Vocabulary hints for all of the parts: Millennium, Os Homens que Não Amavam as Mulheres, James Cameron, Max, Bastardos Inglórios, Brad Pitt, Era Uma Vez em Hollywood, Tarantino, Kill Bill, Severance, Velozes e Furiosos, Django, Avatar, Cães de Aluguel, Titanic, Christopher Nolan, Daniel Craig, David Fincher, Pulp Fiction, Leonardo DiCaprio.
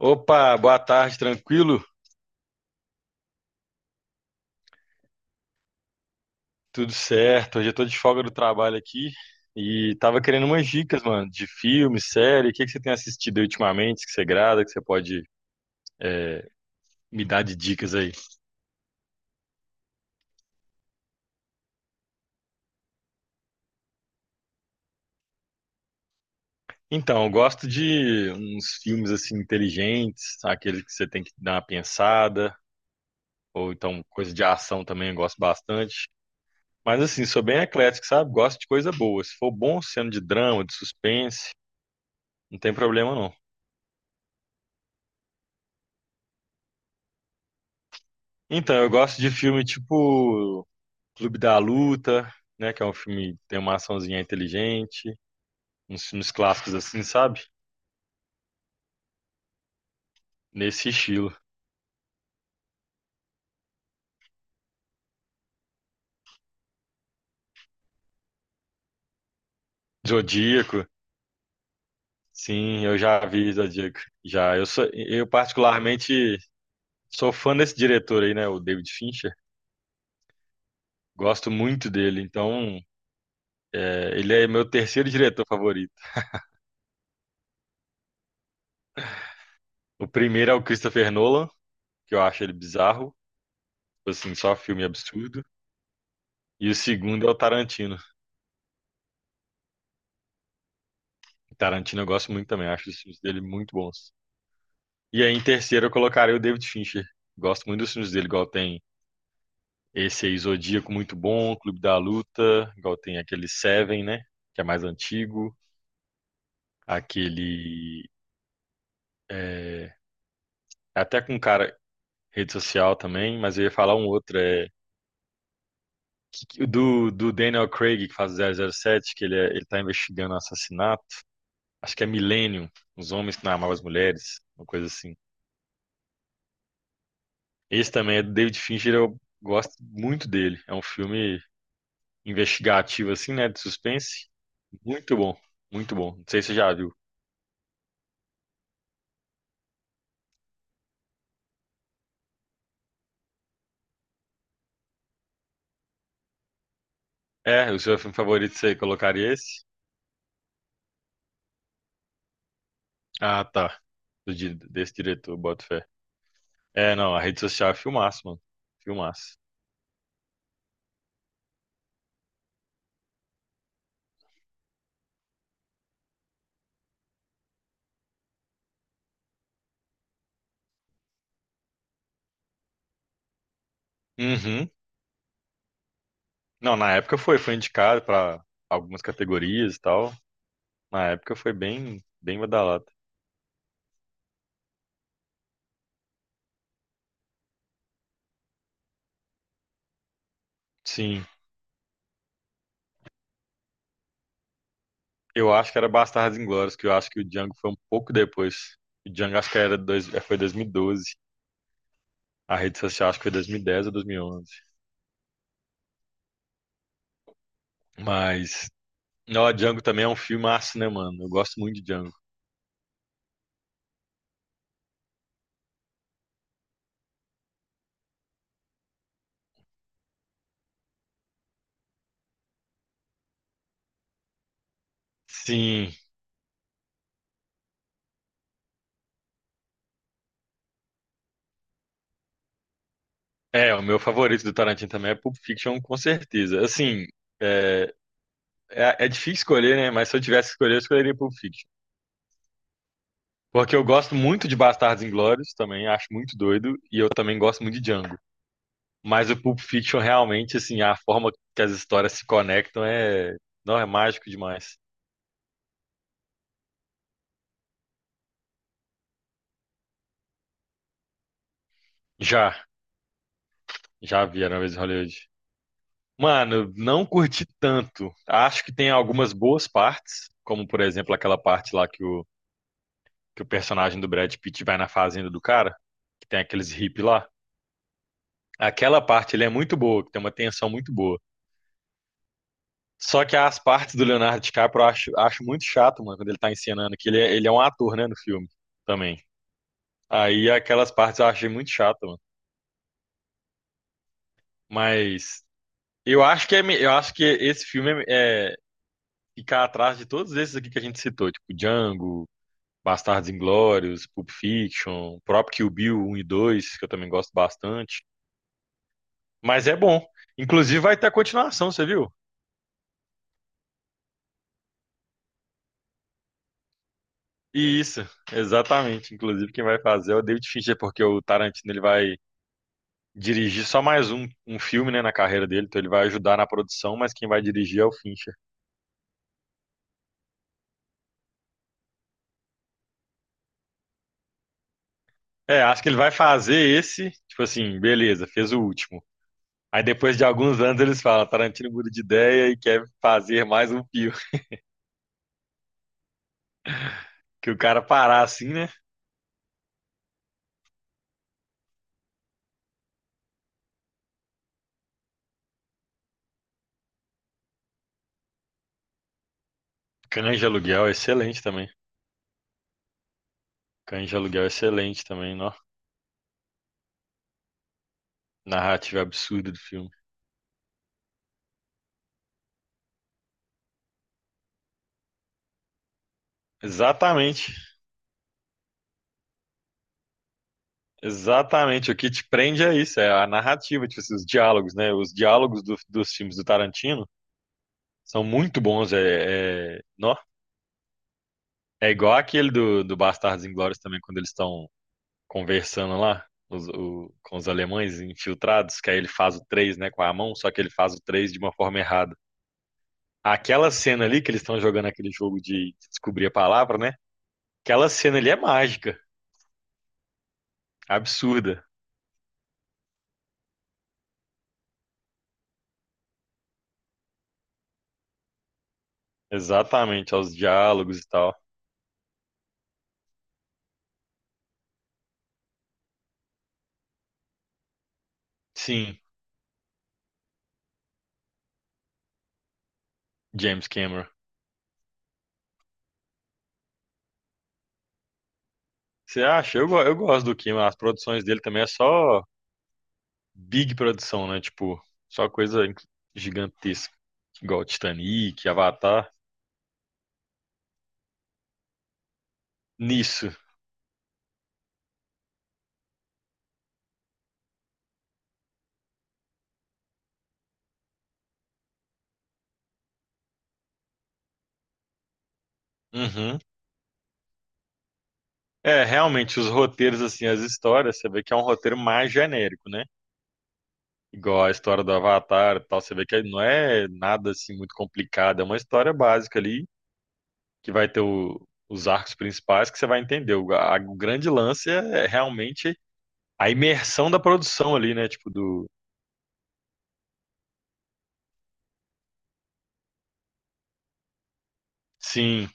Opa, boa tarde, tranquilo? Tudo certo? Hoje eu tô de folga do trabalho aqui e tava querendo umas dicas, mano, de filme, série. O que que você tem assistido aí ultimamente que você grada, que você pode é, me dar de dicas aí? Então, eu gosto de uns filmes assim inteligentes, aqueles que você tem que dar uma pensada, ou então coisa de ação também eu gosto bastante. Mas assim, sou bem eclético, sabe? Gosto de coisa boa. Se for bom, sendo de drama, de suspense, não tem problema não. Então, eu gosto de filme tipo Clube da Luta, né? Que é um filme que tem uma açãozinha inteligente, uns filmes clássicos assim, sabe? Nesse estilo. Zodíaco, sim, eu já vi Zodíaco. Já, eu particularmente sou fã desse diretor aí, né? O David Fincher. Gosto muito dele, então ele é meu terceiro diretor favorito. O primeiro é o Christopher Nolan, que eu acho ele bizarro, tipo assim, só filme absurdo. E o segundo é o Tarantino. O Tarantino eu gosto muito também, acho os filmes dele muito bons. E aí, em terceiro, eu colocaria o David Fincher. Gosto muito dos filmes dele, igual tem esse aí, Zodíaco, muito bom, Clube da Luta, igual tem aquele Seven, né? Que é mais antigo, aquele. é, até com cara rede social também, mas eu ia falar um outro, do, do Daniel Craig, que faz o zero zero sete que ele tá investigando um assassinato. Acho que é Millennium, Os Homens que Não Amavam as Mulheres, uma coisa assim. Esse também é do David Fincher, eu gosto muito dele. É um filme investigativo, assim, né? De suspense. Muito bom, muito bom. Não sei se você já viu. É, o seu filme favorito você colocaria esse? Ah, tá. Desse diretor, boto fé. É, não, a rede social é filmaço, mano. Filmaço. Uhum. Não, na época foi indicado pra algumas categorias e tal. Na época foi bem badalado. Sim, eu acho que era Bastardos Inglórios, que eu acho que o Django foi um pouco depois. O Django acho que era dois, foi 2012. A rede social acho que foi 2010 ou 2011. Mas ó, Django também é um filmaço, né, mano? Eu gosto muito de Django. Sim. É, o meu favorito do Tarantino também é Pulp Fiction, com certeza. Assim, é, é difícil escolher, né? Mas se eu tivesse que escolher, eu escolheria Pulp Fiction. Porque eu gosto muito de Bastardos Inglórios também, acho muito doido, e eu também gosto muito de Django. Mas o Pulp Fiction, realmente, assim, a forma que as histórias se conectam é, não, é mágico demais. Já, já vi Era Uma Vez em Hollywood. Mano, não curti tanto. Acho que tem algumas boas partes, como por exemplo aquela parte lá que o personagem do Brad Pitt vai na fazenda do cara, que tem aqueles hippies lá. Aquela parte ele é muito boa, que tem uma tensão muito boa. Só que as partes do Leonardo DiCaprio acho muito chato, mano, quando ele tá encenando, que ele é um ator, né, no filme também. Aí aquelas partes eu achei muito chato, mano. Mas eu acho que esse filme é ficar atrás de todos esses aqui que a gente citou, tipo Django. Bastardos Inglórios, Pulp Fiction, o próprio Kill Bill um e 2 que eu também gosto bastante. Mas é bom. Inclusive vai ter a continuação, você viu? E isso, exatamente. Inclusive quem vai fazer é o David Fincher, porque o Tarantino ele vai dirigir só mais um filme, né, na carreira dele, então ele vai ajudar na produção, mas quem vai dirigir é o Fincher. É, acho que ele vai fazer esse, tipo assim, beleza, fez o último. Aí depois de alguns anos eles falam, Tarantino muda de ideia e quer fazer mais um filme. Que o cara parar assim, né? Cães de Aluguel é excelente também. Cães de Aluguel é excelente também, ó. Narrativa absurda do filme. Exatamente, exatamente. O que te prende é isso, é a narrativa, tipo, assim, os diálogos, né? Os diálogos dos filmes do Tarantino são muito bons. Nó. É igual aquele do Bastardos Inglórios também, quando eles estão conversando lá com os alemães infiltrados, que aí ele faz o 3, né, com a mão, só que ele faz o 3 de uma forma errada. Aquela cena ali que eles estão jogando aquele jogo de descobrir a palavra, né? Aquela cena ali é mágica, absurda. Exatamente, aos diálogos e tal. Sim, James Cameron. Você acha? Eu gosto do Cameron. As produções dele também é só big produção, né? Tipo, só coisa inc- gigantesca. Igual Titanic, Avatar. Nisso. Uhum. É, realmente, os roteiros, assim, as histórias, você vê que é um roteiro mais genérico, né? Igual a história do Avatar e tal, você vê que não é nada, assim, muito complicado. É uma história básica ali que vai ter o- os arcos principais que você vai entender. O grande lance é realmente a imersão da produção ali, né? Tipo do. Sim,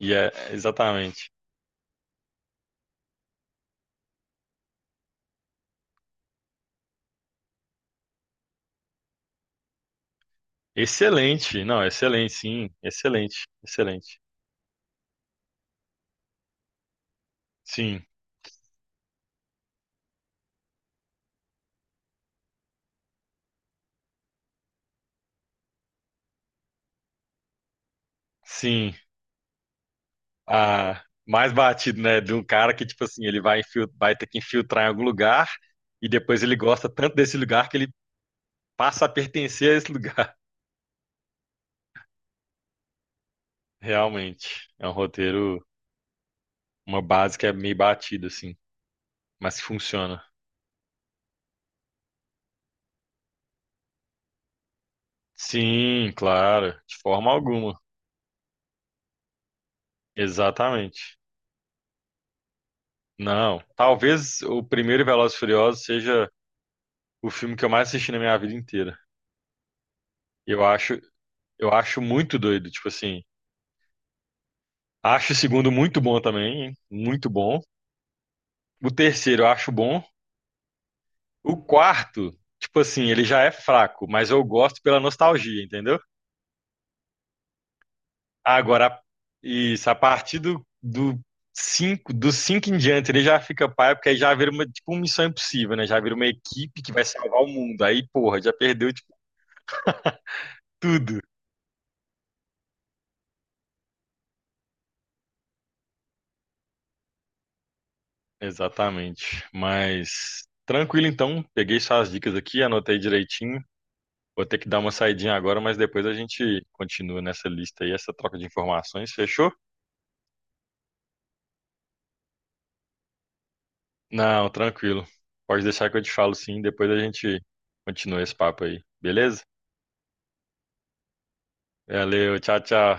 e é exatamente. Excelente, não, excelente, sim, excelente, excelente. Sim, sim. Ah, mais batido, né? De um cara que, tipo assim, vai ter que infiltrar em algum lugar e depois ele gosta tanto desse lugar que ele passa a pertencer a esse lugar. Realmente, é um roteiro, uma base que é meio batida, assim, mas que funciona. Sim, claro, de forma alguma. Exatamente. Não, talvez o primeiro Velozes e Furiosos seja o filme que eu mais assisti na minha vida inteira. Eu acho, eu acho muito doido, tipo assim. Acho o segundo muito bom também, hein? Muito bom. O terceiro eu acho bom. O quarto, tipo assim, ele já é fraco, mas eu gosto pela nostalgia, entendeu? Agora, isso, a partir do cinco, dos cinco em diante, ele já fica pai, porque aí já vira uma, tipo, uma missão impossível, né? Já vira uma equipe que vai salvar o mundo. Aí, porra, já perdeu, tipo, tudo. Exatamente. Mas, tranquilo então, peguei suas dicas aqui, anotei direitinho. Vou ter que dar uma saidinha agora, mas depois a gente continua nessa lista aí, essa troca de informações, fechou? Não, tranquilo. Pode deixar que eu te falo sim, depois a gente continua esse papo aí, beleza? Valeu, tchau, tchau.